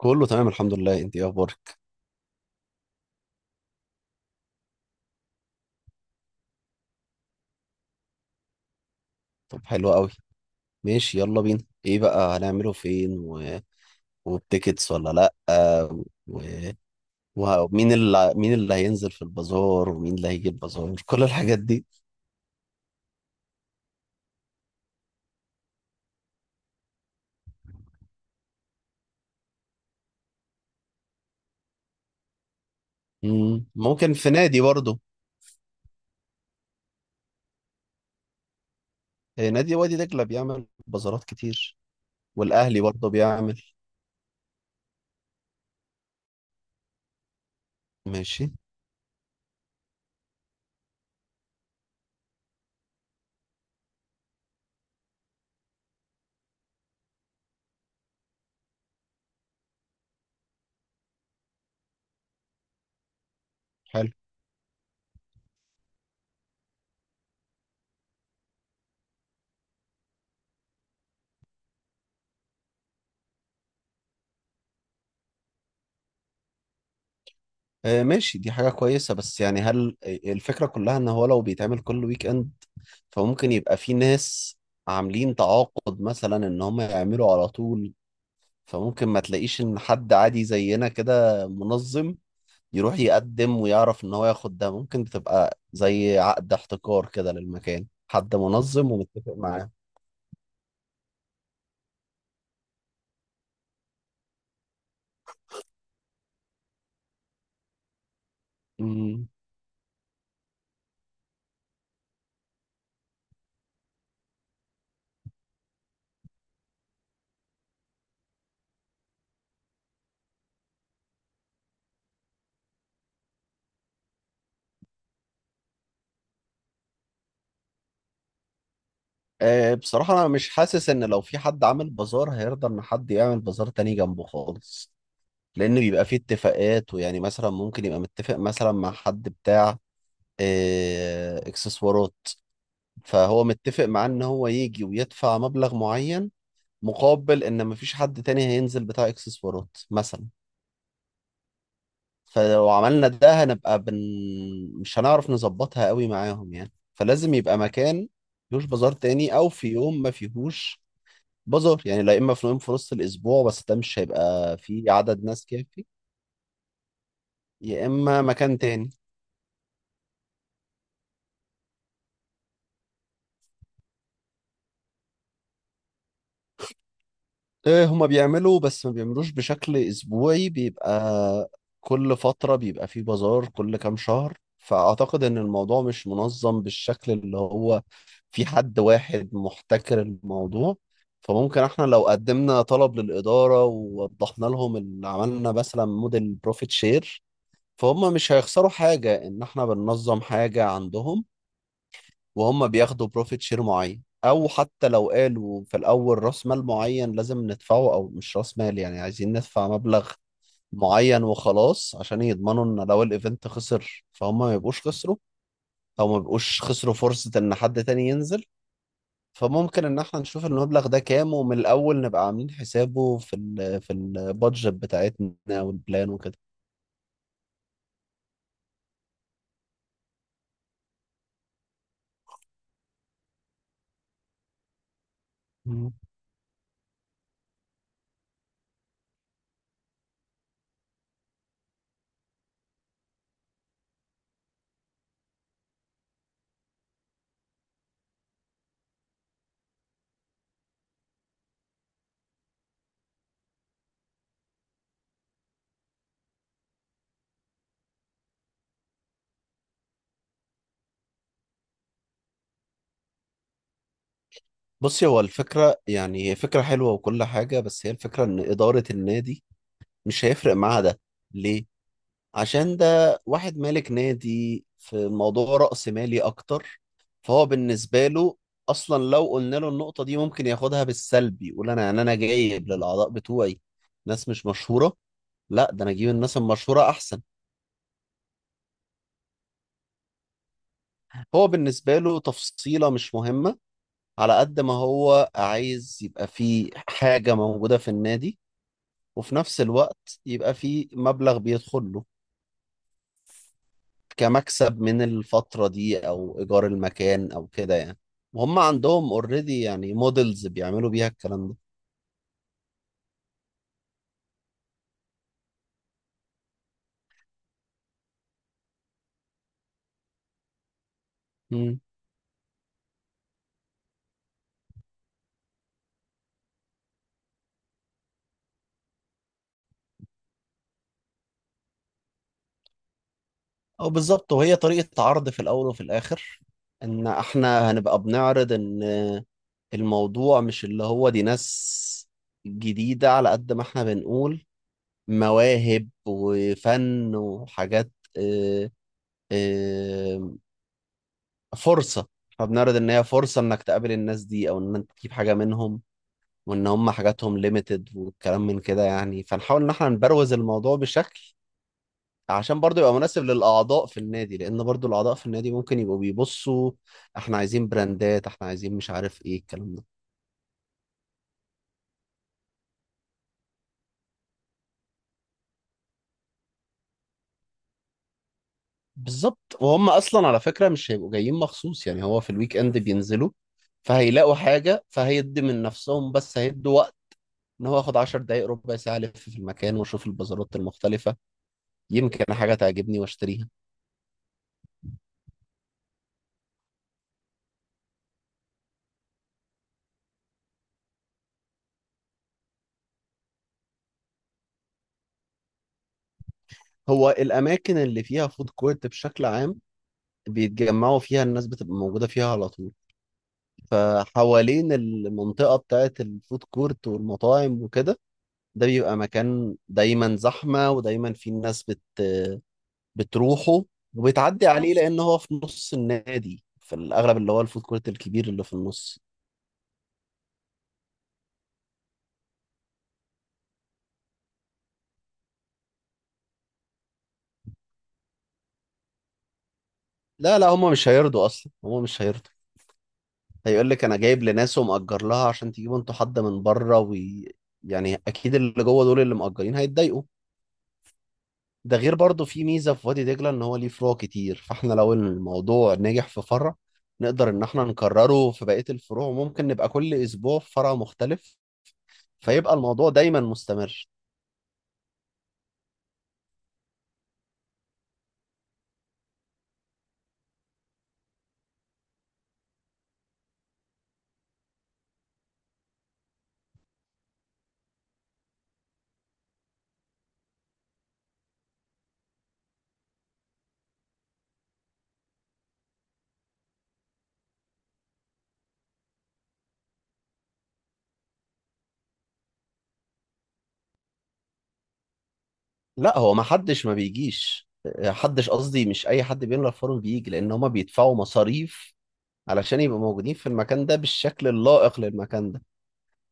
كله تمام، الحمد لله. انت ايه اخبارك؟ طب حلو قوي. ماشي، يلا بينا. ايه بقى هنعمله فين وبتيكتس ولا لا؟ و... ومين اللي هينزل في البازار، ومين اللي هيجي البازار؟ كل الحاجات دي. مم. ممكن في نادي برضه. اه، نادي وادي دجلة بيعمل بازارات كتير. والاهلي برضه بيعمل. ماشي. حلو. اه ماشي، دي حاجة كويسة بس يعني هل الفكرة كلها ان هو لو بيتعمل كل ويك اند فممكن يبقى في ناس عاملين تعاقد مثلا ان هم يعملوا على طول، فممكن ما تلاقيش ان حد عادي زينا كده منظم يروح يقدم ويعرف ان هو ياخد ده. ممكن بتبقى زي عقد احتكار كده للمكان، حد منظم ومتفق معاه. مم. أه، بصراحة أنا مش حاسس إن لو في حد عامل بازار هيرضى إن حد يعمل بازار تاني جنبه خالص، لأن بيبقى فيه اتفاقات ويعني مثلا ممكن يبقى متفق مثلا مع حد بتاع إكسسوارات، فهو متفق معاه ان هو يجي ويدفع مبلغ معين مقابل ان مفيش حد تاني هينزل بتاع اكسسوارات مثلا. فلو عملنا ده هنبقى مش هنعرف نظبطها قوي معاهم يعني، فلازم يبقى مكان مفيهوش بازار تاني او في يوم ما فيهوش بازار يعني، لا اما في يوم في نص الاسبوع، بس ده مش هيبقى فيه عدد ناس كافي يا اما مكان تاني. إيه، هما بيعملوا بس ما بيعملوش بشكل أسبوعي، بيبقى كل فترة بيبقى فيه بازار كل كام شهر، فأعتقد إن الموضوع مش منظم بالشكل اللي هو في حد واحد محتكر الموضوع. فممكن احنا لو قدمنا طلب للإدارة ووضحنا لهم اللي عملنا مثلا موديل بروفيت شير، فهم مش هيخسروا حاجة إن احنا بننظم حاجة عندهم، وهم بياخدوا بروفيت شير معين، او حتى لو قالوا في الاول راس مال معين لازم ندفعه، او مش راس مال يعني عايزين ندفع مبلغ معين وخلاص عشان يضمنوا ان لو الايفنت خسر فهم ما يبقوش خسروا، او ما يبقوش خسروا فرصة ان حد تاني ينزل. فممكن ان احنا نشوف المبلغ ده كام ومن الاول نبقى عاملين حسابه في ال في البادجت بتاعتنا والبلان وكده. مم. بصي، هو الفكرة يعني هي فكرة حلوة وكل حاجة، بس هي الفكرة إن إدارة النادي مش هيفرق معاها ده. ليه؟ عشان ده واحد مالك نادي في موضوع رأس مالي أكتر، فهو بالنسبة له أصلا لو قلنا له النقطة دي ممكن ياخدها بالسلب، يقول أنا جايب للأعضاء بتوعي ناس مش مشهورة؟ لا، ده أنا أجيب الناس المشهورة أحسن. هو بالنسبة له تفصيلة مش مهمة، على قد ما هو عايز يبقى فيه حاجة موجودة في النادي وفي نفس الوقت يبقى فيه مبلغ بيدخل له كمكسب من الفترة دي أو إيجار المكان أو كده يعني، وهم عندهم اوريدي يعني موديلز بيعملوا بيها الكلام ده. مم. أو بالظبط، وهي طريقة عرض في الأول وفي الآخر إن إحنا هنبقى بنعرض إن الموضوع مش اللي هو دي ناس جديدة، على قد ما إحنا بنقول مواهب وفن وحاجات. آه، آه، فرصة، إحنا بنعرض إن هي فرصة إنك تقابل الناس دي أو إن أنت تجيب حاجة منهم، وان هم حاجاتهم ليميتد والكلام من كده يعني، فنحاول ان احنا نبروز الموضوع بشكل عشان برضو يبقى مناسب للاعضاء في النادي، لان برضو الاعضاء في النادي ممكن يبقوا بيبصوا احنا عايزين براندات، احنا عايزين مش عارف ايه الكلام ده. بالظبط، وهم اصلا على فكرة مش هيبقوا جايين مخصوص يعني، هو في الويك اند بينزلوا فهيلاقوا حاجة، فهيدي من نفسهم بس هيدوا وقت ان هو ياخد 10 دقايق ربع ساعة الف في المكان واشوف البازارات المختلفة، يمكن حاجة تعجبني واشتريها. هو الاماكن اللي فيها فود كورت بشكل عام بيتجمعوا فيها، الناس بتبقى موجودة فيها على طول، فحوالين المنطقة بتاعة الفود كورت والمطاعم وكده، ده بيبقى مكان دايما زحمة ودايما في الناس بتروحه وبتعدي عليه، لأن هو في نص النادي في الأغلب اللي هو الفود كورت الكبير اللي في النص. لا لا، هما مش هيرضوا أصلا، هما مش هيرضوا. هيقول لك أنا جايب لناس ومأجر لها عشان تجيبوا انتوا حد من بره يعني أكيد اللي جوه دول اللي مأجرين هيتضايقوا. ده غير برضه في ميزه في وادي دجله ان هو ليه فروع كتير، فاحنا لو الموضوع نجح في فرع نقدر ان احنا نكرره في بقيه الفروع، ممكن نبقى كل اسبوع في فرع مختلف فيبقى الموضوع دايما مستمر. لا هو ما حدش ما بيجيش حدش قصدي، مش اي حد بيملى فورم بيجي، لان هما بيدفعوا مصاريف علشان يبقوا موجودين في المكان ده بالشكل اللائق للمكان ده.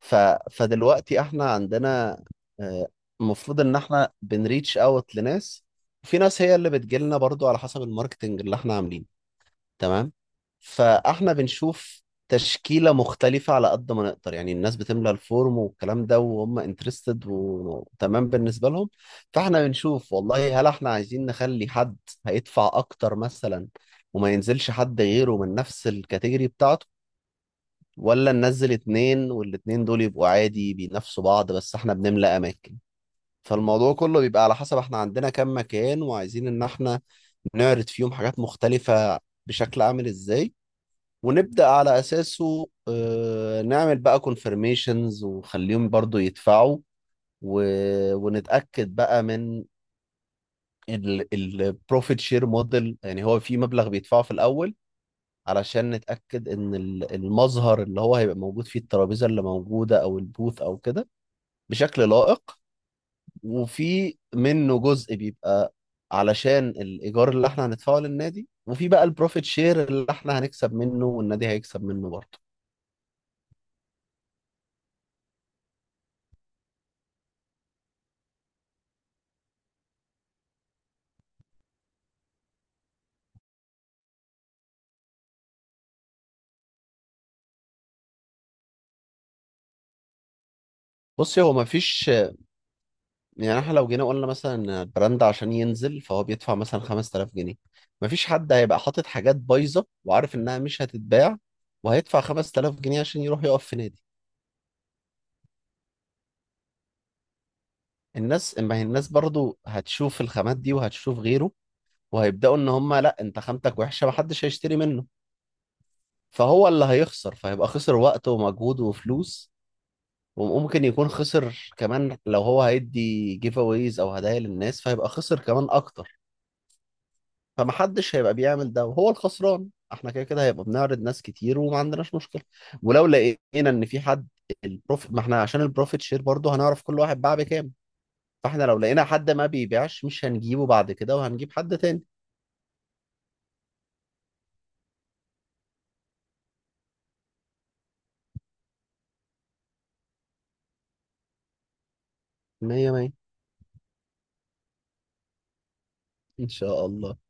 ف... فدلوقتي احنا عندنا آه، المفروض ان احنا بنريتش اوت لناس، وفي ناس هي اللي بتجيلنا برضو على حسب الماركتنج اللي احنا عاملينه. تمام. فاحنا بنشوف تشكيلة مختلفة على قد ما نقدر يعني، الناس بتملى الفورم والكلام ده وهم انترستد وتمام بالنسبة لهم، فاحنا بنشوف والله هل احنا عايزين نخلي حد هيدفع اكتر مثلا وما ينزلش حد غيره من نفس الكاتيجوري بتاعته، ولا ننزل اتنين والاتنين دول يبقوا عادي بينافسوا بعض بس احنا بنملى اماكن. فالموضوع كله بيبقى على حسب احنا عندنا كام مكان وعايزين ان احنا نعرض فيهم حاجات مختلفة بشكل عامل ازاي، ونبدأ على اساسه نعمل بقى كونفirmations ونخليهم برضو يدفعوا و... ونتأكد بقى من البروفيت شير موديل. يعني هو في مبلغ بيدفعه في الاول علشان نتأكد إن المظهر اللي هو هيبقى موجود فيه، الترابيزة اللي موجودة أو البوث أو كده بشكل لائق، وفي منه جزء بيبقى علشان الإيجار اللي إحنا هندفعه للنادي، وفي بقى البروفيت شير اللي إحنا هنكسب منه والنادي هيكسب منه برضه. بصي، هو مفيش يعني، إحنا لو جينا قلنا مثلا إن البراند عشان ينزل فهو بيدفع مثلا 5000 جنيه، مفيش حد هيبقى حاطط حاجات بايظة وعارف إنها مش هتتباع وهيدفع 5000 جنيه عشان يروح يقف في نادي. ما هي الناس برضو هتشوف الخامات دي وهتشوف غيره، وهيبدأوا ان هم لا انت خامتك وحشة محدش هيشتري منه، فهو اللي هيخسر، فهيبقى خسر وقت ومجهود وفلوس، وممكن يكون خسر كمان لو هو هيدي جيف اويز او هدايا للناس فهيبقى خسر كمان اكتر. فمحدش هيبقى بيعمل ده وهو الخسران. احنا كده كده هيبقى بنعرض ناس كتير وما عندناش مشكلة، ولو لقينا ان في حد ما احنا عشان البروفيت شير برضو هنعرف كل واحد باع بكام، فاحنا لو لقينا حد ما بيبيعش مش هنجيبه بعد كده وهنجيب حد تاني. مية مية. ان شاء الله.